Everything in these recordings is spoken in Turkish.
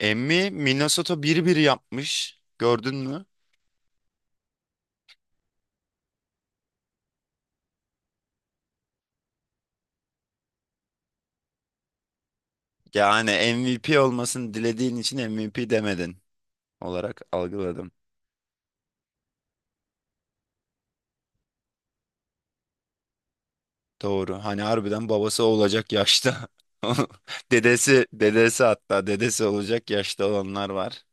Emmi Minnesota 1-1 yapmış. Gördün mü? Yani MVP olmasını dilediğin için MVP demedin olarak algıladım. Doğru. Hani harbiden babası olacak yaşta. Dedesi, dedesi hatta dedesi olacak yaşta olanlar var.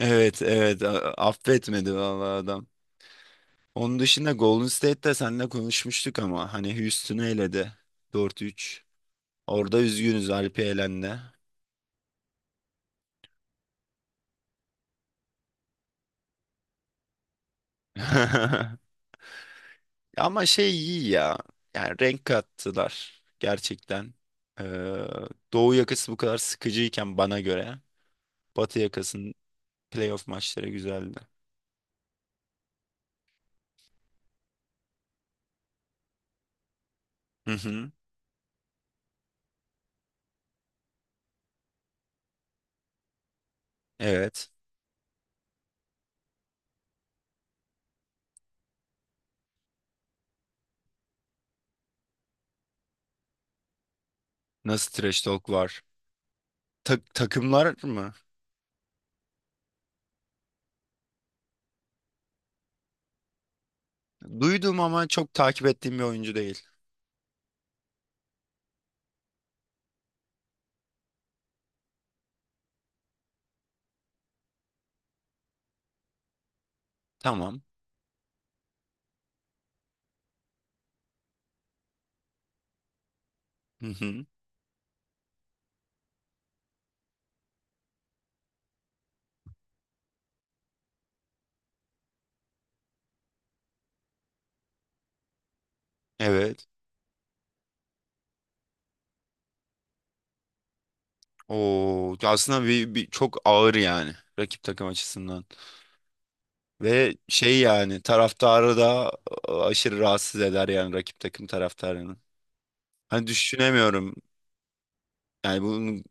Evet, evet. Affetmedi vallahi adam. Onun dışında Golden State'te seninle konuşmuştuk ama hani Houston'ı eledi 4-3. Orada üzgünüz, Alpi elendi. Ama şey iyi ya. Yani renk kattılar gerçekten. Ee, Doğu yakası bu kadar sıkıcıyken bana göre Batı yakasının playoff maçları güzeldi. Hı hı. Evet. Nasıl trash talk var? Takımlar mı? Duydum ama çok takip ettiğim bir oyuncu değil. Tamam. Hı hı. Evet. O aslında bir, bir çok ağır yani rakip takım açısından. Ve şey yani taraftarı da aşırı rahatsız eder yani rakip takım taraftarını. Hani düşünemiyorum. Yani bunun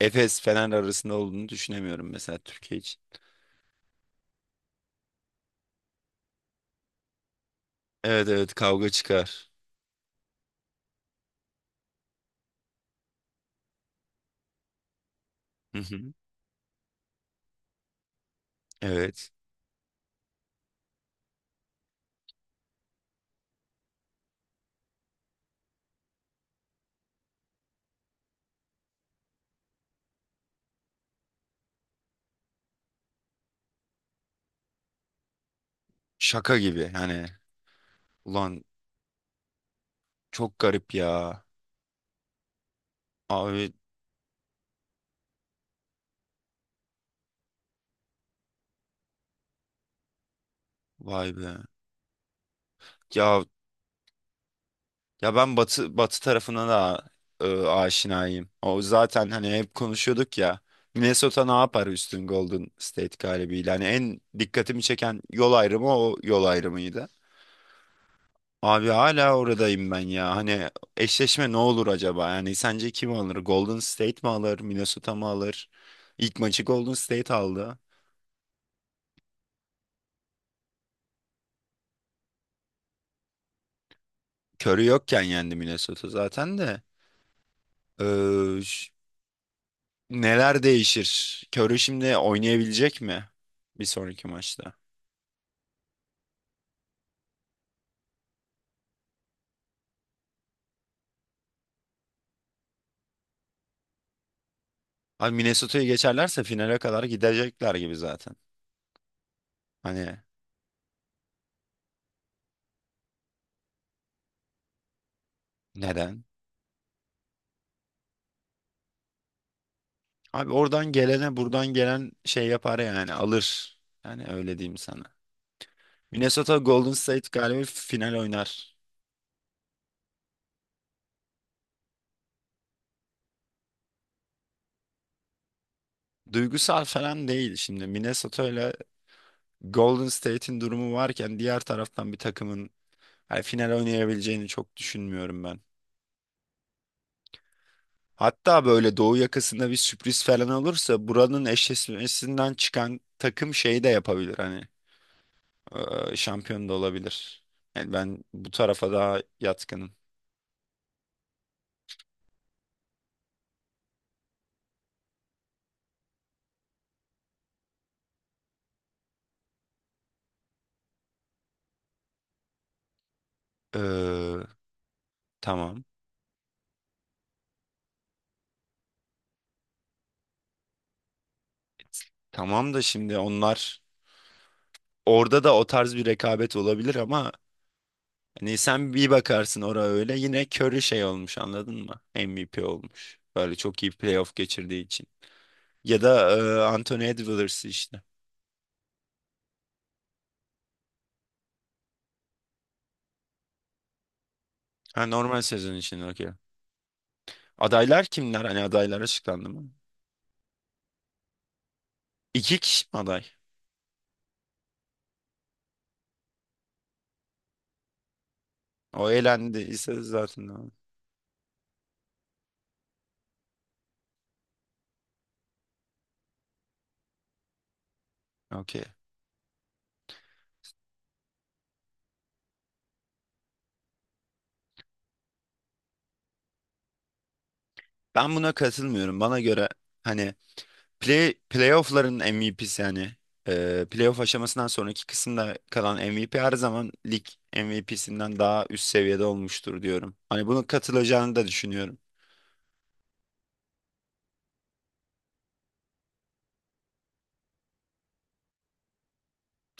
Efes Fener arasında olduğunu düşünemiyorum mesela Türkiye için. Evet evet, kavga çıkar. Hı hı. Evet. Şaka gibi hani. Ulan çok garip ya. Abi vay be. Ya ya ben Batı Batı tarafına da aşinayım. O zaten hani hep konuşuyorduk ya. Minnesota ne yapar üstün Golden State galibiyle? Hani en dikkatimi çeken yol ayrımı o yol ayrımıydı. Abi hala oradayım ben ya. Hani eşleşme ne olur acaba? Yani sence kim alır? Golden State mi alır? Minnesota mı alır? İlk maçı Golden State aldı. Curry yokken yendi Minnesota zaten de. Ee, ş- neler değişir? Curry şimdi oynayabilecek mi? Bir sonraki maçta. Abi Minnesota'yı geçerlerse finale kadar gidecekler gibi zaten. Hani neden? Abi oradan gelene buradan gelen şey yapar yani alır. Yani öyle diyeyim sana. Minnesota Golden State galiba final oynar. Duygusal falan değil şimdi. Minnesota ile Golden State'in durumu varken diğer taraftan bir takımın hani final oynayabileceğini çok düşünmüyorum ben. Hatta böyle doğu yakasında bir sürpriz falan olursa buranın eşleşmesinden çıkan takım şeyi de yapabilir hani şampiyon da olabilir. Yani ben bu tarafa daha yatkınım. Eee, tamam. Tamam da şimdi onlar orada da o tarz bir rekabet olabilir ama hani sen bir bakarsın oraya öyle yine Curry şey olmuş anladın mı? MVP olmuş. Böyle çok iyi playoff geçirdiği için. Ya da Anthony Edwards işte. Ha, normal sezon için okey. Adaylar kimler? Hani adaylar açıklandı mı? İki kişi mi aday? O elendiyse zaten okey. Ben buna katılmıyorum. Bana göre hani playoff'ların MVP'si yani. Playoff aşamasından sonraki kısımda kalan MVP her zaman lig MVP'sinden daha üst seviyede olmuştur diyorum. Hani bunu katılacağını da düşünüyorum.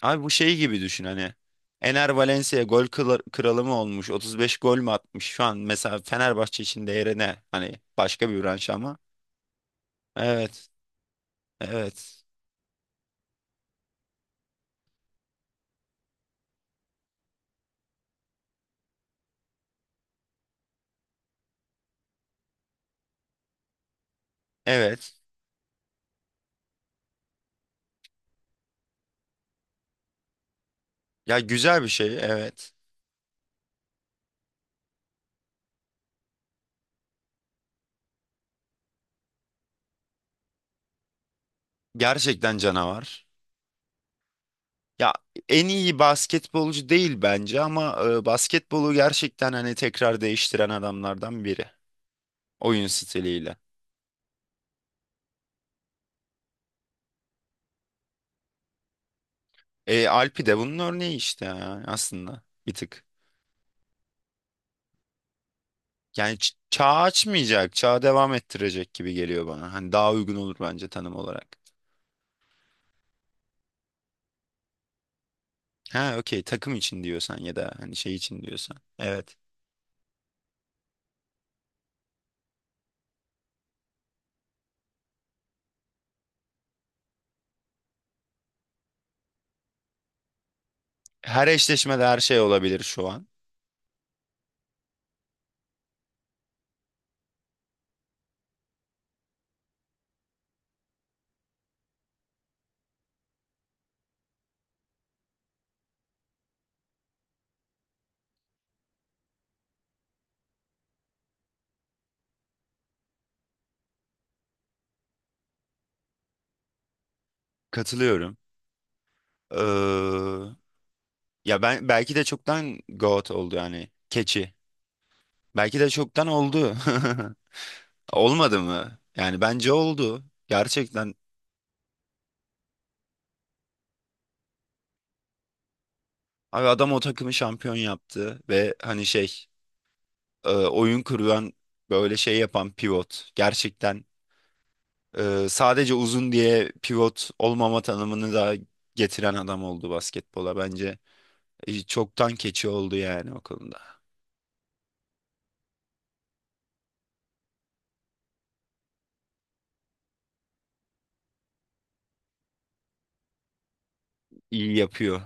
Abi bu şey gibi düşün hani. Ener Valencia gol kralı mı olmuş? 35 gol mü atmış? Şu an mesela Fenerbahçe için değeri ne? Hani başka bir branş ama. Evet. Evet. Evet. Ya güzel bir şey. Evet. Gerçekten canavar. Ya en iyi basketbolcu değil bence ama basketbolu gerçekten hani tekrar değiştiren adamlardan biri oyun stiliyle. E, Alpi de bunun örneği işte ya, aslında bir tık. Yani çağ açmayacak, çağı devam ettirecek gibi geliyor bana. Hani daha uygun olur bence tanım olarak. Ha okey, takım için diyorsan ya da hani şey için diyorsan. Evet. Her eşleşmede her şey olabilir şu an. Katılıyorum. Ee, ya ben belki de çoktan GOAT oldu yani keçi. Belki de çoktan oldu. Olmadı mı? Yani bence oldu. Gerçekten. Abi adam o takımı şampiyon yaptı ve hani şey oyun kuruyan böyle şey yapan pivot. Gerçekten sadece uzun diye pivot olmama tanımını da getiren adam oldu basketbola. Bence çoktan keçi oldu yani o konuda. İyi yapıyor.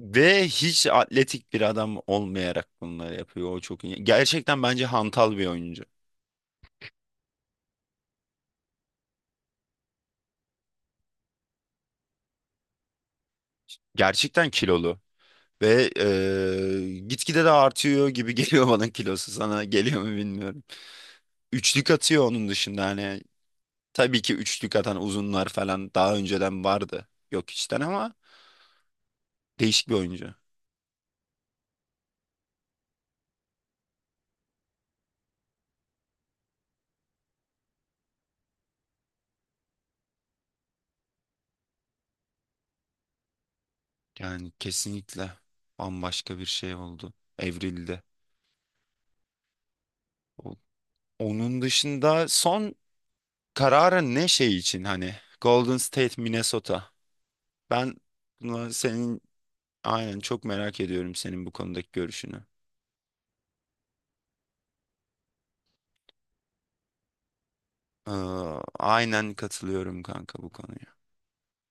Ve hiç atletik bir adam olmayarak bunları yapıyor. O çok iyi. Gerçekten bence hantal bir oyuncu. Gerçekten kilolu. Ve gitgide de artıyor gibi geliyor bana kilosu, sana geliyor mu bilmiyorum. Üçlük atıyor onun dışında hani tabii ki üçlük atan uzunlar falan daha önceden vardı. Yok içten ama değişik bir oyuncu. Yani kesinlikle bambaşka bir şey oldu. Evrildi. O- Onun dışında son kararın ne şey için hani Golden State Minnesota. Ben buna senin aynen çok merak ediyorum senin bu konudaki görüşünü. Ee, aynen katılıyorum kanka bu konuya.